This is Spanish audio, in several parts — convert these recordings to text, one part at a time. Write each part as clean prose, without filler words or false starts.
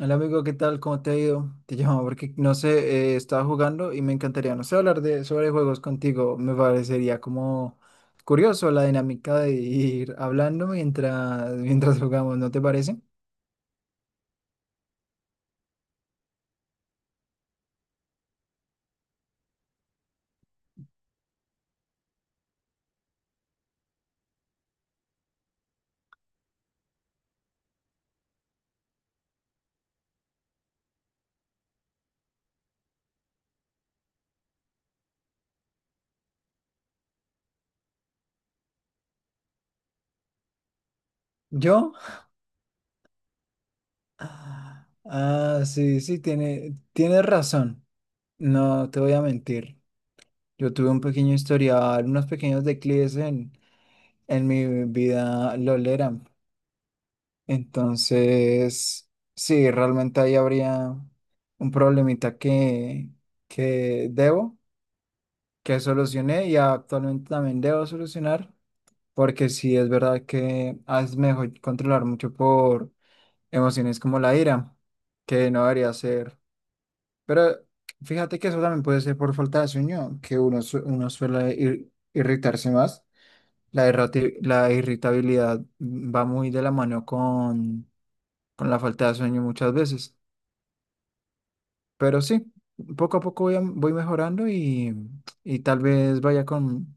Hola amigo, ¿qué tal? ¿Cómo te ha ido? Te llamo porque no sé, estaba jugando y me encantaría, no sé, hablar de sobre juegos contigo. Me parecería como curioso la dinámica de ir hablando mientras mientras jugamos, ¿no te parece? ¿Yo? Ah, sí, sí, tienes razón. No te voy a mentir. Yo tuve un pequeño historial, unos pequeños declives en mi vida lolera. Entonces, sí, realmente ahí habría un problemita que debo, que solucioné y actualmente también debo solucionar, porque sí es verdad que es mejor controlar mucho por emociones como la ira, que no debería ser. Pero fíjate que eso también puede ser por falta de sueño, que uno suele irritarse más. La irritabilidad va muy de la mano con la falta de sueño muchas veces. Pero sí, poco a poco voy mejorando y tal vez vaya con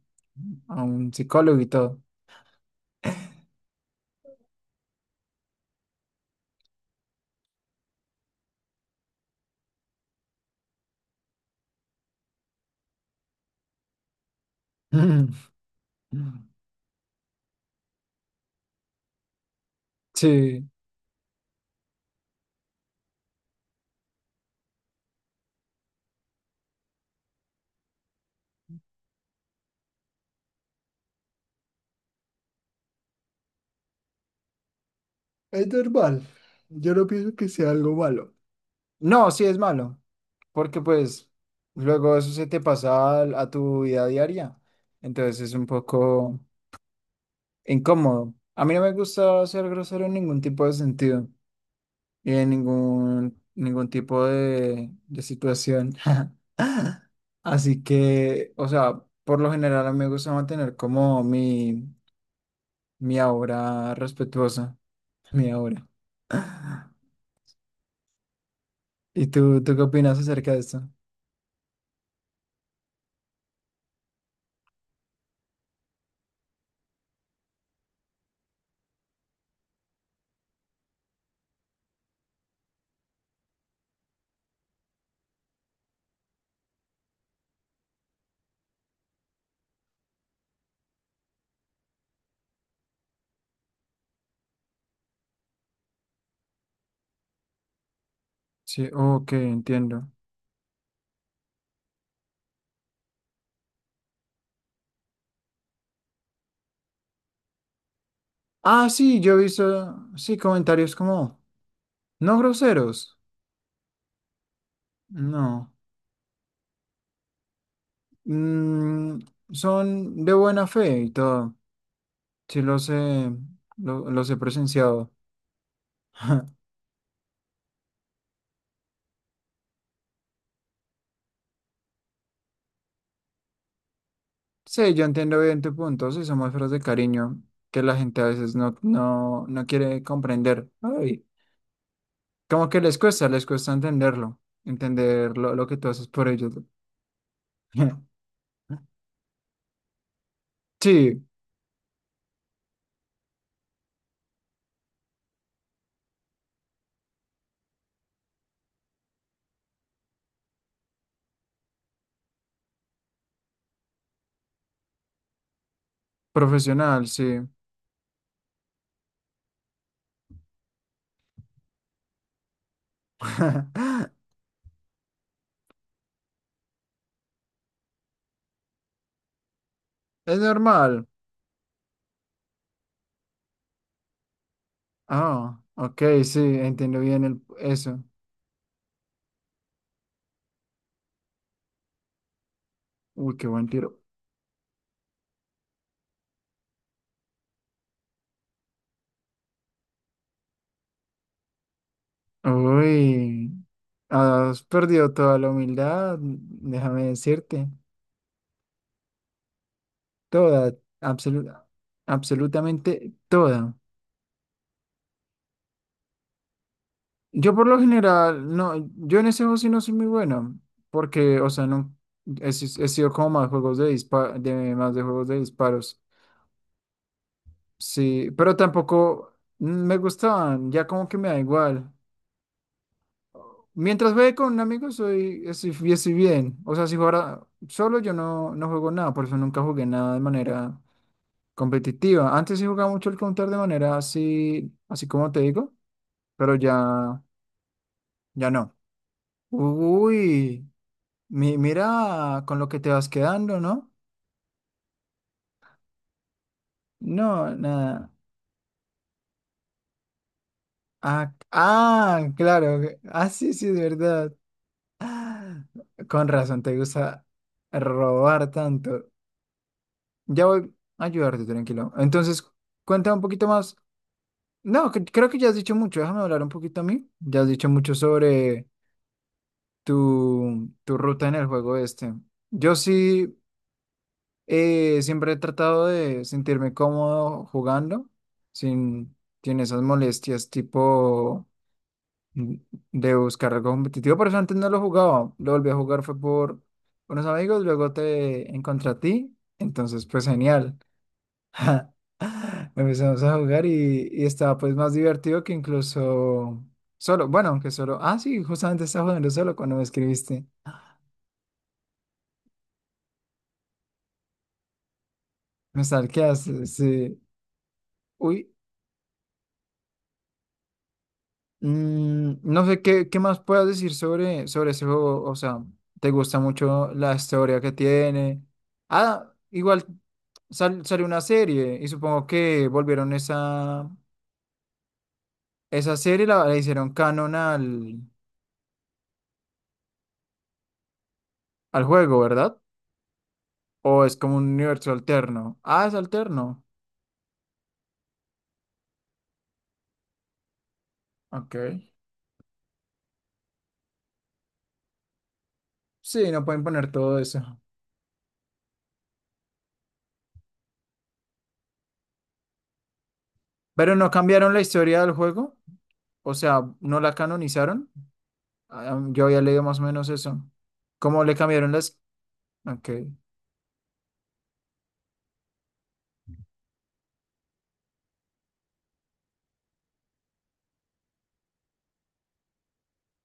a un psicólogo y todo. Sí. Es normal. Yo no pienso que sea algo malo. No, sí es malo, porque pues luego eso se te pasa a tu vida diaria. Entonces es un poco incómodo. A mí no me gusta ser grosero en ningún tipo de sentido. Y en ningún tipo de situación. Así que, o sea, por lo general a mí me gusta mantener como mi aura respetuosa, mi aura. ¿Y tú qué opinas acerca de esto? Sí, ok, entiendo. Ah, sí, yo he visto, sí, comentarios como, no groseros, no, mm, son de buena fe y todo, sí los he presenciado. Sí, yo entiendo bien tu punto, sí, son muestras de cariño que la gente a veces no quiere comprender. Ay, como que les cuesta entender lo que tú haces por ellos. Sí, profesional, sí. Es normal. Ah, ok, sí, entiendo bien eso. Uy, qué buen tiro. Uy, has perdido toda la humildad, déjame decirte. Toda, absoluta, absolutamente toda. Yo por lo general, no, yo en ese juego sí no soy muy bueno, porque, o sea, no, he, si- he sido como más juegos de de más de juegos de disparos, sí, pero tampoco me gustaban, ya como que me da igual. Mientras juegue con un amigo estoy bien, o sea, si jugara solo yo no juego nada, por eso nunca jugué nada de manera competitiva. Antes sí jugaba mucho el Counter de manera así, así como te digo, pero ya, ya no. Uy. Mira con lo que te vas quedando, ¿no? No, nada. Ah, claro. Ah, sí, sí, es verdad. Ah, con razón, te gusta robar tanto. Ya voy a ayudarte, tranquilo. Entonces, cuenta un poquito más. No, creo que ya has dicho mucho. Déjame hablar un poquito a mí. Ya has dicho mucho sobre tu ruta en el juego este. Yo sí. Siempre he tratado de sentirme cómodo jugando, sin, sin esas molestias tipo mm, de buscar algo competitivo. Por eso antes no lo jugaba, lo volví a jugar fue por unos amigos, luego te encontré a ti, entonces pues genial. Empezamos a jugar y estaba pues más divertido que incluso solo, bueno, aunque solo, ah sí, justamente estaba jugando solo cuando me escribiste, me stalkeaste, sí. Uy, no sé qué más puedas decir sobre ese juego. O sea, ¿te gusta mucho la historia que tiene? Ah, igual salió una serie y supongo que volvieron esa serie, la hicieron canon al juego, ¿verdad? ¿O es como un universo alterno? Ah, es alterno. Ok. Sí, no pueden poner todo eso. Pero no cambiaron la historia del juego. O sea, no la canonizaron. Ah, yo había leído más o menos eso. Como le cambiaron las. Ok.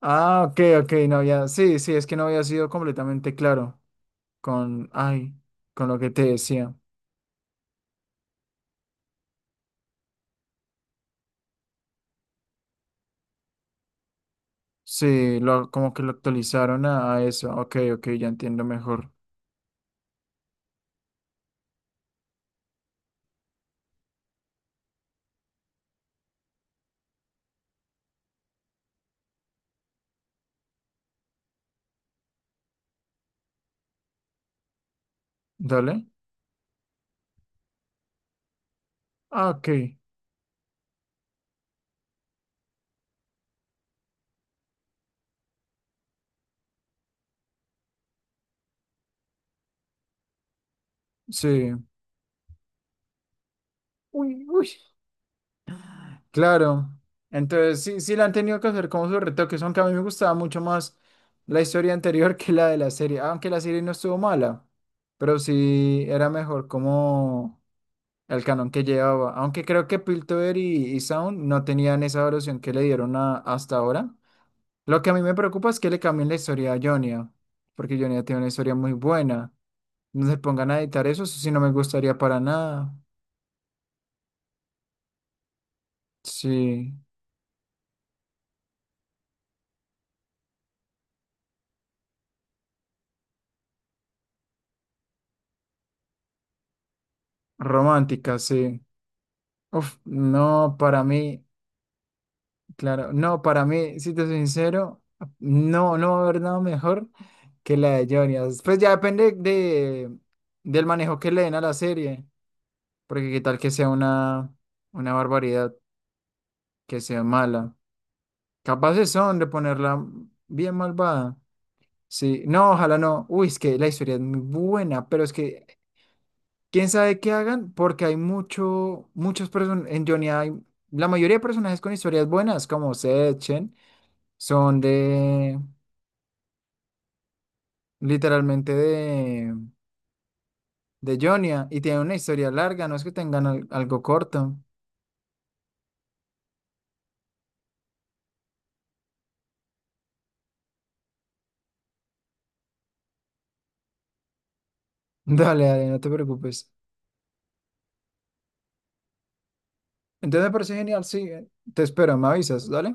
Ah, ok, ok, no había. Sí, sí, es que no había sido completamente claro ay, con lo que te decía. Sí, como que lo actualizaron a eso. Ok, ok, ya entiendo mejor. Dale. Ah, ok. Sí. Uy, uy. Claro. Entonces, sí, sí le han tenido que hacer como sus retoques, aunque a mí me gustaba mucho más la historia anterior que la de la serie. Aunque la serie no estuvo mala, pero sí era mejor, como al canon que llevaba. Aunque creo que Piltover y Sound no tenían esa evolución que le dieron hasta ahora. Lo que a mí me preocupa es que le cambien la historia a Jonia, porque Jonia tiene una historia muy buena. No se pongan a editar eso, eso sí no me gustaría para nada. Sí, romántica, sí. Uf, no, para mí, claro, no, para mí, si te soy sincero, no va a haber nada mejor que la de Jonia. Pues ya depende del manejo que le den a la serie. Porque qué tal que sea una barbaridad, que sea mala. Capaces son de ponerla bien malvada. Sí, no, ojalá no. Uy, es que la historia es muy buena, pero es que quién sabe qué hagan, porque hay muchos personajes, en Johnny hay, la mayoría de personajes con historias buenas, como Seth, Chen, son literalmente de Johnny, y tienen una historia larga, no es que tengan algo corto. Dale, dale, no te preocupes. Entonces me parece genial, sí. Te espero, me avisas, ¿dale?